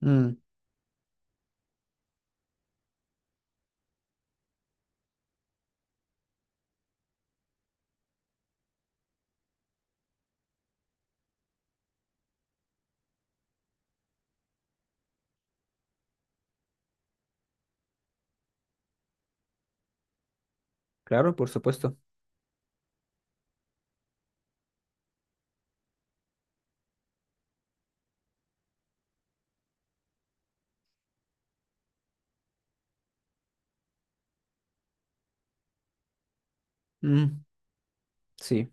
Mm, claro, por supuesto. Mm, sí,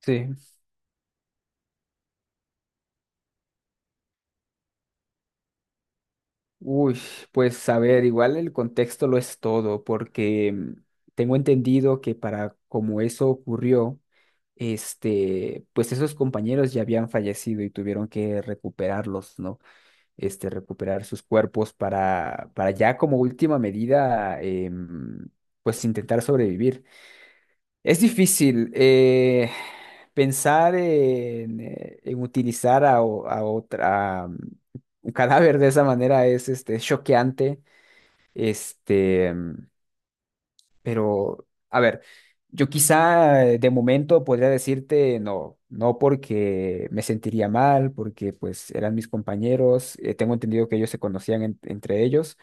sí. Uy, pues a ver, igual el contexto lo es todo, porque tengo entendido que para como eso ocurrió, pues esos compañeros ya habían fallecido y tuvieron que recuperarlos, ¿no? Recuperar sus cuerpos para ya como última medida, pues intentar sobrevivir. Es difícil pensar en utilizar a, a otra un cadáver de esa manera es este choqueante, este, mm, pero a ver, yo quizá de momento podría decirte no, no porque me sentiría mal, porque pues eran mis compañeros, tengo entendido que ellos se conocían entre ellos.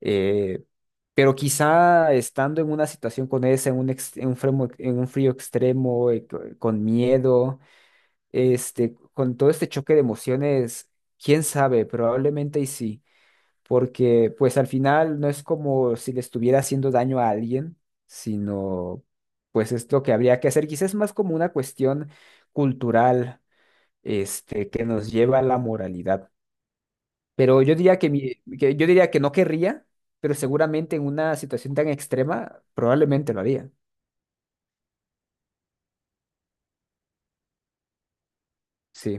Eh, pero quizá estando en una situación con esa, en un, en un en un frío extremo, con miedo, con todo este choque de emociones, quién sabe, probablemente y sí, porque pues al final no es como si le estuviera haciendo daño a alguien, sino pues es lo que habría que hacer, quizás es más como una cuestión cultural, que nos lleva a la moralidad. Pero yo diría que, que yo diría que no querría, pero seguramente en una situación tan extrema probablemente lo haría. Sí,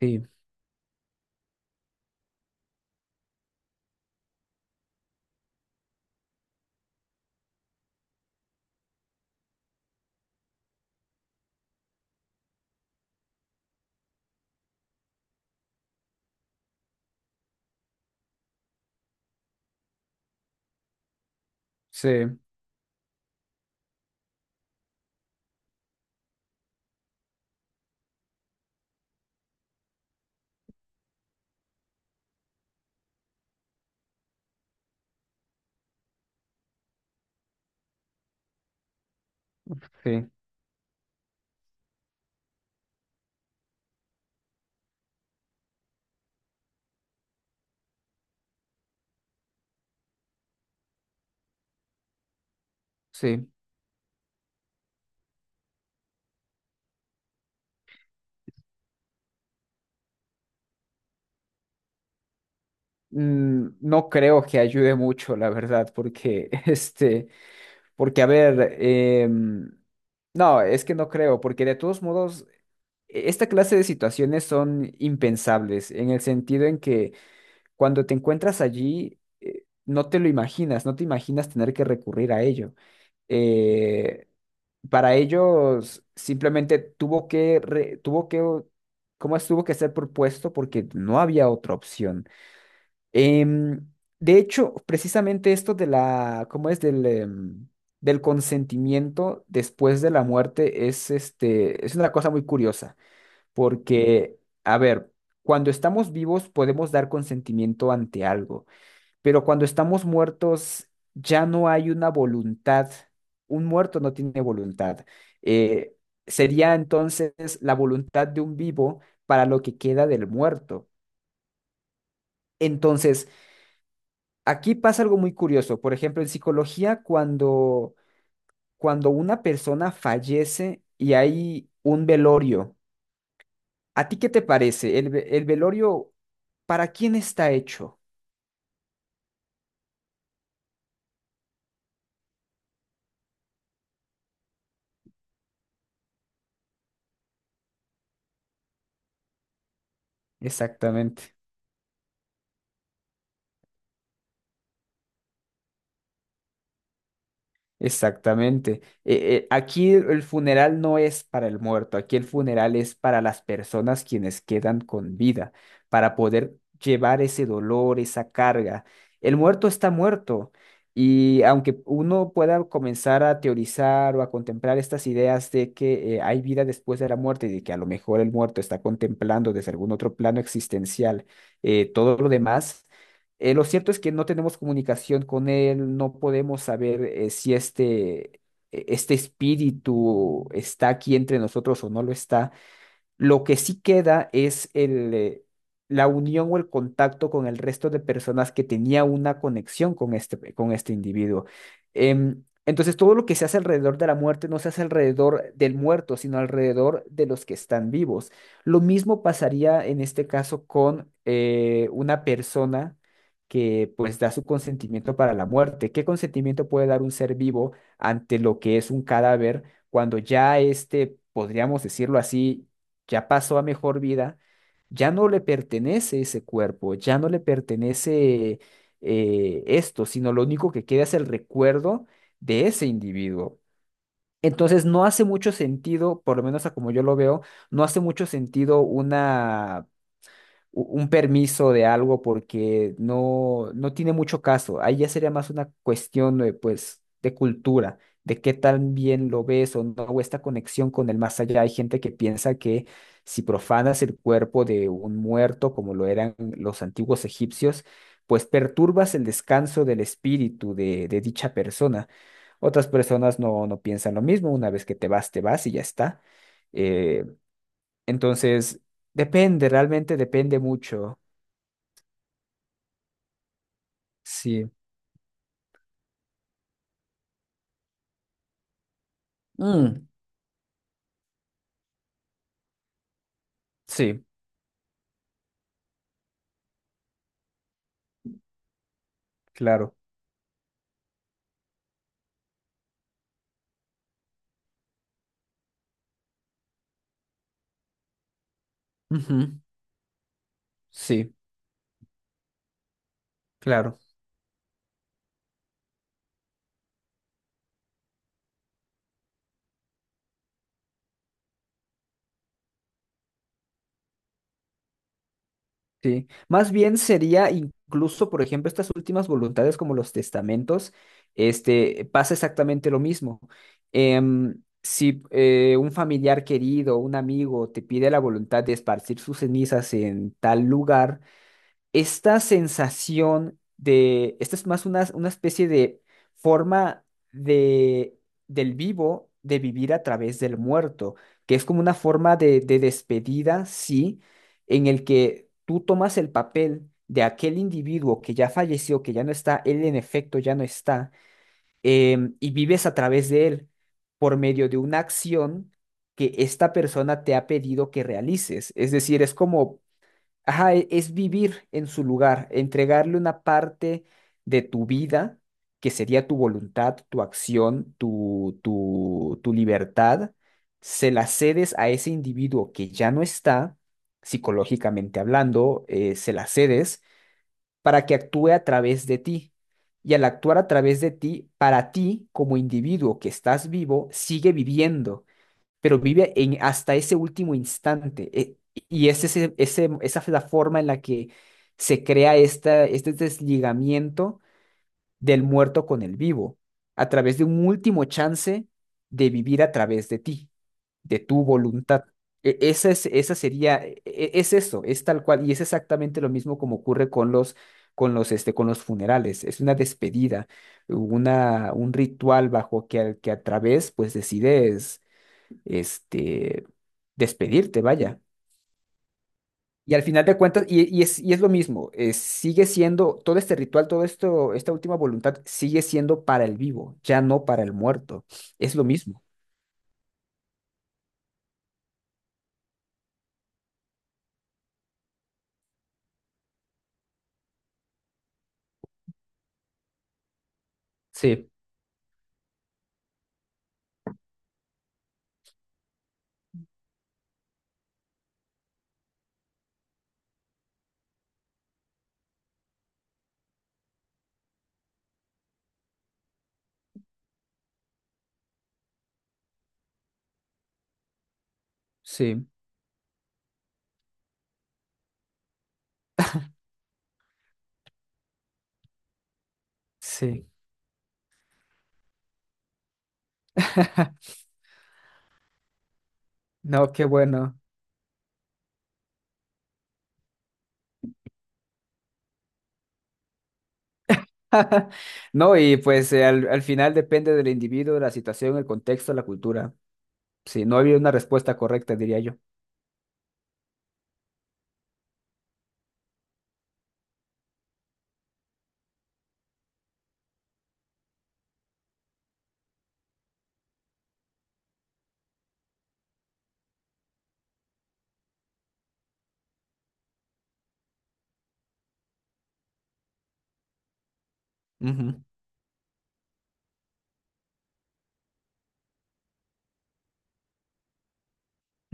sí, sí, sí, sí. No creo que ayude mucho, la verdad, porque porque a ver, no, es que no creo, porque de todos modos esta clase de situaciones son impensables en el sentido en que cuando te encuentras allí no te lo imaginas, no te imaginas tener que recurrir a ello. eh, para ellos simplemente tuvo que, ¿cómo es? Tuvo que ser propuesto porque no había otra opción. Em, de hecho, precisamente esto de la, ¿cómo es? Del del consentimiento después de la muerte es, es una cosa muy curiosa porque, a ver, cuando estamos vivos podemos dar consentimiento ante algo. Pero cuando estamos muertos, ya no hay una voluntad. Un muerto no tiene voluntad. Eh, sería entonces la voluntad de un vivo para lo que queda del muerto. Entonces, aquí pasa algo muy curioso. Por ejemplo, en psicología, cuando una persona fallece y hay un velorio, ¿a ti qué te parece? ¿El, el velorio para quién está hecho? Exactamente. Exactamente. Aquí el funeral no es para el muerto, aquí el funeral es para las personas quienes quedan con vida, para poder llevar ese dolor, esa carga. El muerto está muerto y aunque uno pueda comenzar a teorizar o a contemplar estas ideas de que hay vida después de la muerte y de que a lo mejor el muerto está contemplando desde algún otro plano existencial, todo lo demás. Lo cierto es que no tenemos comunicación con él, no podemos saber si este espíritu está aquí entre nosotros o no lo está. Lo que sí queda es la unión o el contacto con el resto de personas que tenía una conexión con con este individuo. Entonces, todo lo que se hace alrededor de la muerte no se hace alrededor del muerto, sino alrededor de los que están vivos. Lo mismo pasaría en este caso con una persona que pues da su consentimiento para la muerte. ¿Qué consentimiento puede dar un ser vivo ante lo que es un cadáver cuando ya podríamos decirlo así, ya pasó a mejor vida, ya no le pertenece ese cuerpo, ya no le pertenece esto, sino lo único que queda es el recuerdo de ese individuo. Entonces no hace mucho sentido, por lo menos a como yo lo veo, no hace mucho sentido una un permiso de algo porque no, no tiene mucho caso. Ahí ya sería más una cuestión de, pues, de cultura, de qué tan bien lo ves o no, o esta conexión con el más allá. Hay gente que piensa que si profanas el cuerpo de un muerto, como lo eran los antiguos egipcios, pues perturbas el descanso del espíritu de dicha persona. Otras personas no, no piensan lo mismo, una vez que te vas y ya está. Eh, entonces, depende, realmente depende mucho. Sí. Mm, sí, claro. Ujú. Sí, claro. Sí. Más bien sería incluso, por ejemplo, estas últimas voluntades como los testamentos, pasa exactamente lo mismo. Si un familiar querido, un amigo te pide la voluntad de esparcir sus cenizas en tal lugar, esta sensación de, esta es más una especie de forma de, del vivo de vivir a través del muerto, que es como una forma de despedida, sí, en el que tú tomas el papel de aquel individuo que ya falleció, que ya no está, él en efecto ya no está, y vives a través de él por medio de una acción que esta persona te ha pedido que realices. Es decir, es como ajá, es vivir en su lugar, entregarle una parte de tu vida, que sería tu voluntad, tu acción, tu libertad, se la cedes a ese individuo que ya no está, psicológicamente hablando, se la cedes para que actúe a través de ti. Y al actuar a través de ti, para ti como individuo que estás vivo, sigue viviendo pero vive en, hasta ese último instante. Y es esa es la forma en la que se crea esta, este desligamiento del muerto con el vivo, a través de un último chance de vivir a través de ti, de tu voluntad. Esa es, esa sería, es eso, es tal cual, y es exactamente lo mismo como ocurre con los, con los, con los funerales. Es una despedida, una, un ritual bajo que, que a través, pues, decides este, despedirte, vaya. Y al final de cuentas, y es lo mismo, sigue siendo, todo este ritual, todo esto, esta última voluntad sigue siendo para el vivo, ya no para el muerto. Es lo mismo. Sí, sí, sí. No, qué bueno. No, y pues al final depende del individuo, de la situación, el contexto, la cultura. Sí, no había una respuesta correcta, diría yo. Ujú.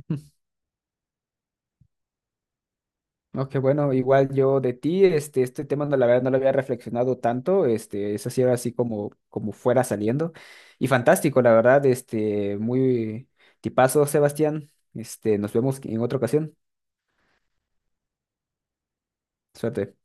No, qué bueno, igual yo de ti, este tema no, la verdad no lo había reflexionado tanto, eso sí era así como, como fuera saliendo, y fantástico, la verdad, muy tipazo, Sebastián, nos vemos en otra ocasión, suerte.